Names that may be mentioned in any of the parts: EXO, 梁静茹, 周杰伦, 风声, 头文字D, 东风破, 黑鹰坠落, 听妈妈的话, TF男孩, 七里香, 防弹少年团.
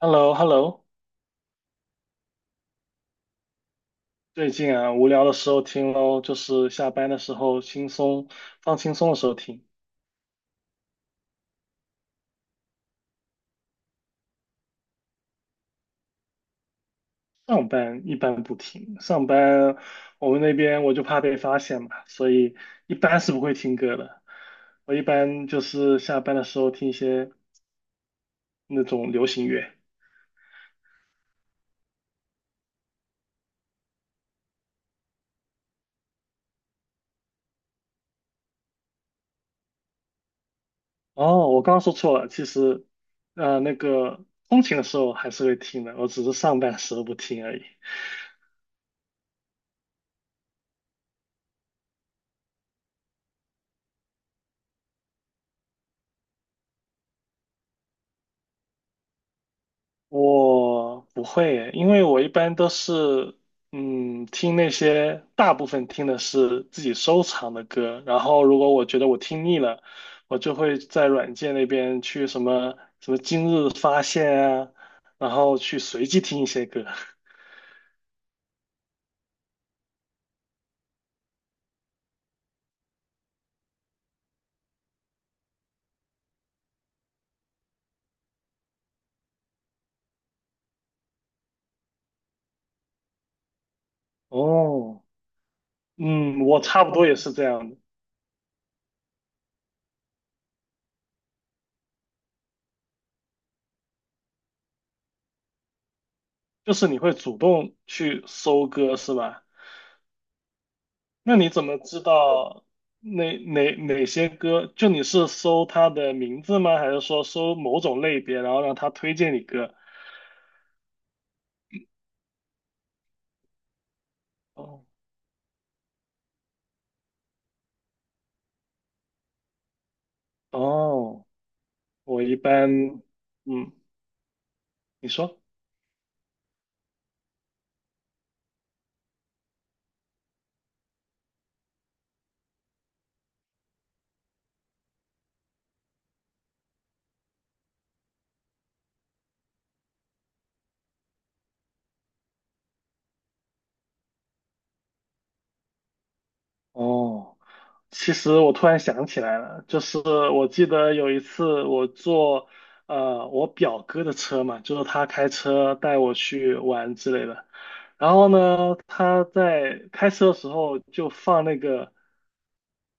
h e l l o h e l l o 最近啊，无聊的时候听咯，就是下班的时候轻松，放轻松的时候听。上班一般不听，上班我们那边我就怕被发现嘛，所以一般是不会听歌的。我一般就是下班的时候听一些那种流行乐。哦，我刚刚说错了，其实，那个通勤的时候还是会听的，我只是上班的时候不听而已。我不会耶因为我一般都是，嗯，听那些大部分听的是自己收藏的歌，然后如果我觉得我听腻了，我就会在软件那边去什么什么今日发现啊，然后去随机听一些歌。哦，嗯，我差不多也是这样的就是你会主动去搜歌是吧？那你怎么知道哪些歌？就你是搜他的名字吗？还是说搜某种类别，然后让他推荐你歌？哦哦，我一般，嗯，你说，哦。其实我突然想起来了，就是我记得有一次我坐我表哥的车嘛，就是他开车带我去玩之类的。然后呢，他在开车的时候就放那个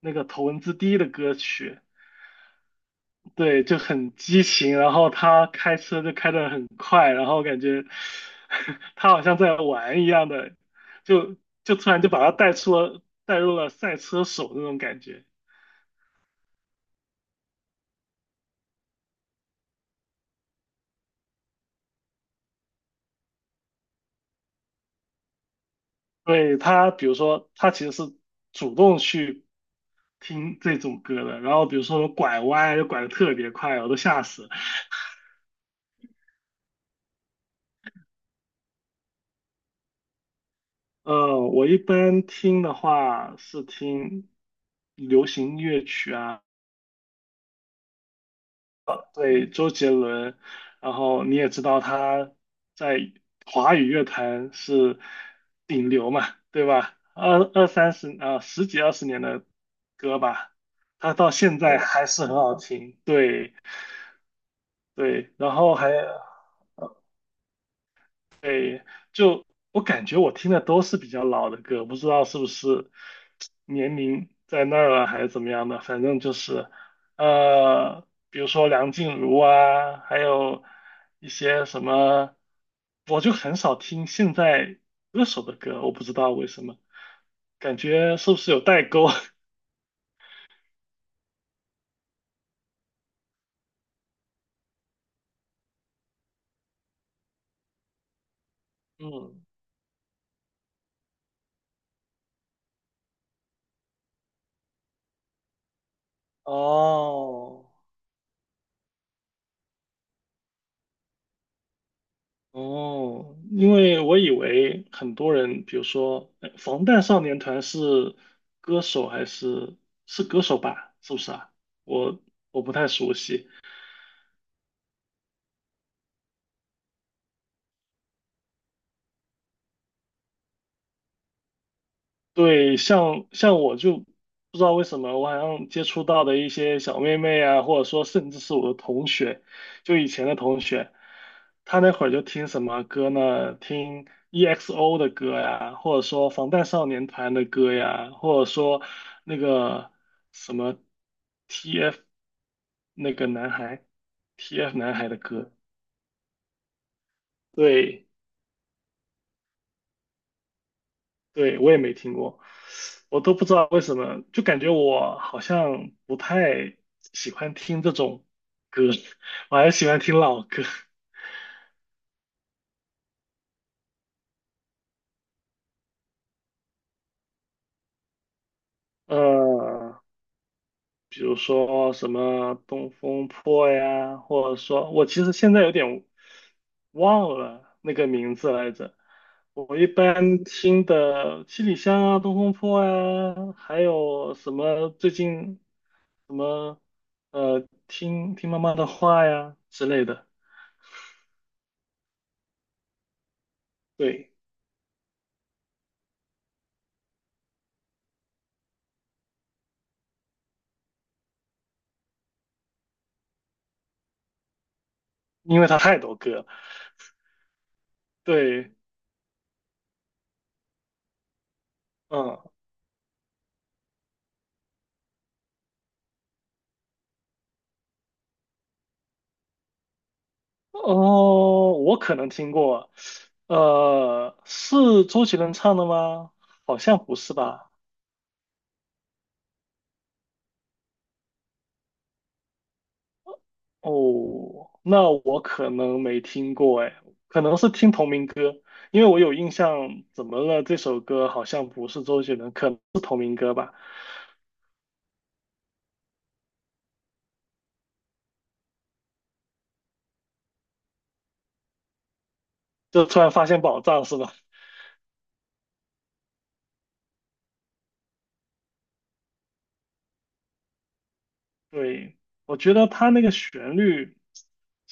那个头文字 D 的歌曲，对，就很激情。然后他开车就开得很快，然后感觉 他好像在玩一样的，就就突然就把他带入了赛车手那种感觉。对，他，比如说他其实是主动去听这种歌的，然后比如说拐弯就拐的特别快，我都吓死了。我一般听的话是听流行音乐曲啊，对，周杰伦，然后你也知道他在华语乐坛是顶流嘛，对吧？二三十啊，十几二十年的歌吧，他到现在还是很好听，对。对，然后还呃对，就我感觉我听的都是比较老的歌，不知道是不是年龄在那儿了还是怎么样的，反正就是比如说梁静茹啊，还有一些什么，我就很少听现在歌手的歌，我不知道为什么，感觉是不是有代沟？嗯，哦，哦，因为我以为很多人，比如说防弹少年团是歌手还是歌手吧？是不是啊？我我不太熟悉。对，像我就不知道为什么，我好像接触到的一些小妹妹啊，或者说甚至是我的同学，就以前的同学，她那会儿就听什么歌呢？听 EXO 的歌呀，或者说防弹少年团的歌呀，或者说那个什么 TF 那个男孩，TF 男孩的歌，对。对，我也没听过，我都不知道为什么，就感觉我好像不太喜欢听这种歌，我还是喜欢听老歌，呃，比如说什么《东风破》呀，或者说我其实现在有点忘了那个名字来着。我一般听的七里香啊、东风破啊，还有什么最近什么听妈妈的话呀之类的。对，因为他太多歌了对，嗯，哦，我可能听过，是周杰伦唱的吗？好像不是吧？哦，那我可能没听过，哎，可能是听同名歌，因为我有印象，怎么了？这首歌好像不是周杰伦，可能是同名歌吧？就突然发现宝藏是吧？对，我觉得他那个旋律。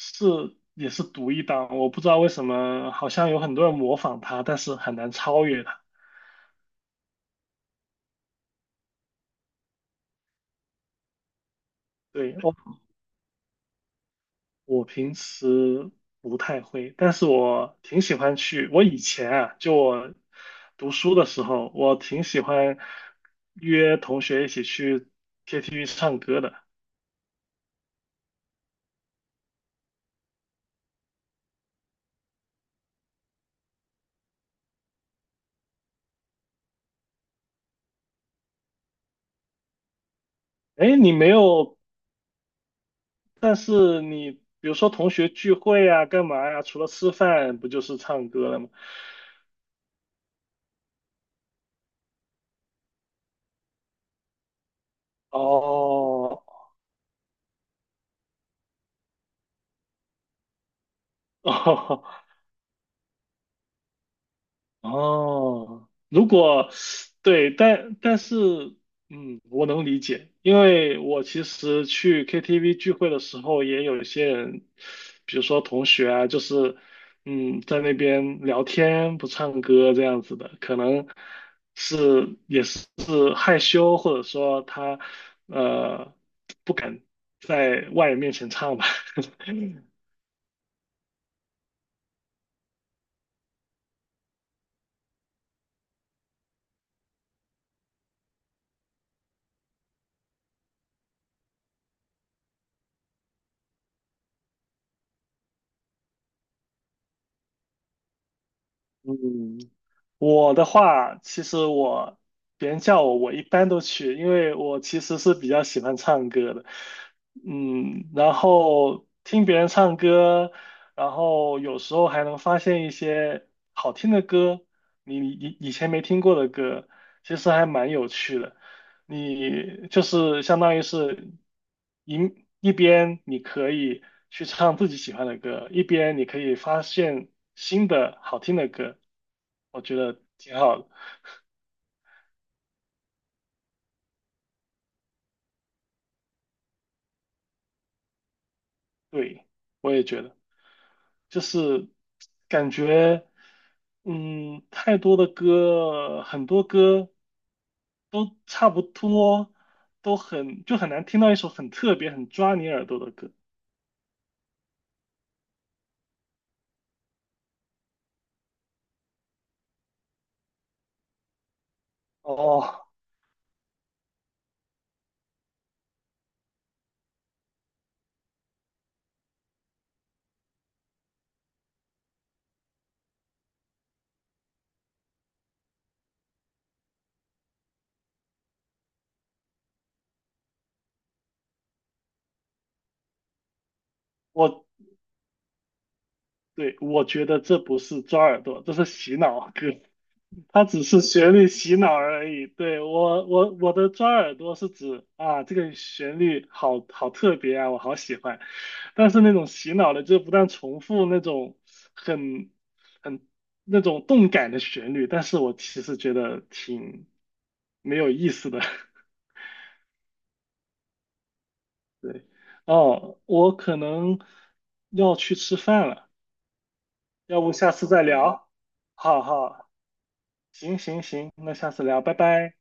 是也是独一档，我不知道为什么，好像有很多人模仿他，但是很难超越他。对，我平时不太会，但是我挺喜欢去。我以前啊，就我读书的时候，我挺喜欢约同学一起去 KTV 唱歌的。哎，你没有，但是你比如说同学聚会啊，干嘛呀？除了吃饭，不就是唱歌了吗？哦，哦，如果对，但是我能理解，因为我其实去 KTV 聚会的时候，也有一些人，比如说同学啊，就是嗯，在那边聊天不唱歌这样子的，可能是也是害羞，或者说他呃不敢在外人面前唱吧。嗯，我的话，其实我别人叫我，我一般都去，因为我其实是比较喜欢唱歌的。嗯，然后听别人唱歌，然后有时候还能发现一些好听的歌，你以前没听过的歌，其实还蛮有趣的。你就是相当于是一一边你可以去唱自己喜欢的歌，一边你可以发现新的好听的歌，我觉得挺好的。对，我也觉得，就是感觉，嗯，太多的歌，很多歌都差不多，都很，就很难听到一首很特别、很抓你耳朵的歌。哦，我。对，我觉得这不是抓耳朵，这是洗脑歌，它只是旋律洗脑而已。对，我，我的抓耳朵是指啊，这个旋律好特别啊，我好喜欢。但是那种洗脑的，就不断重复那种很很那种动感的旋律，但是我其实觉得挺没有意思的。对，哦，我可能要去吃饭了，要不下次再聊？好好。行行行，那下次聊，拜拜。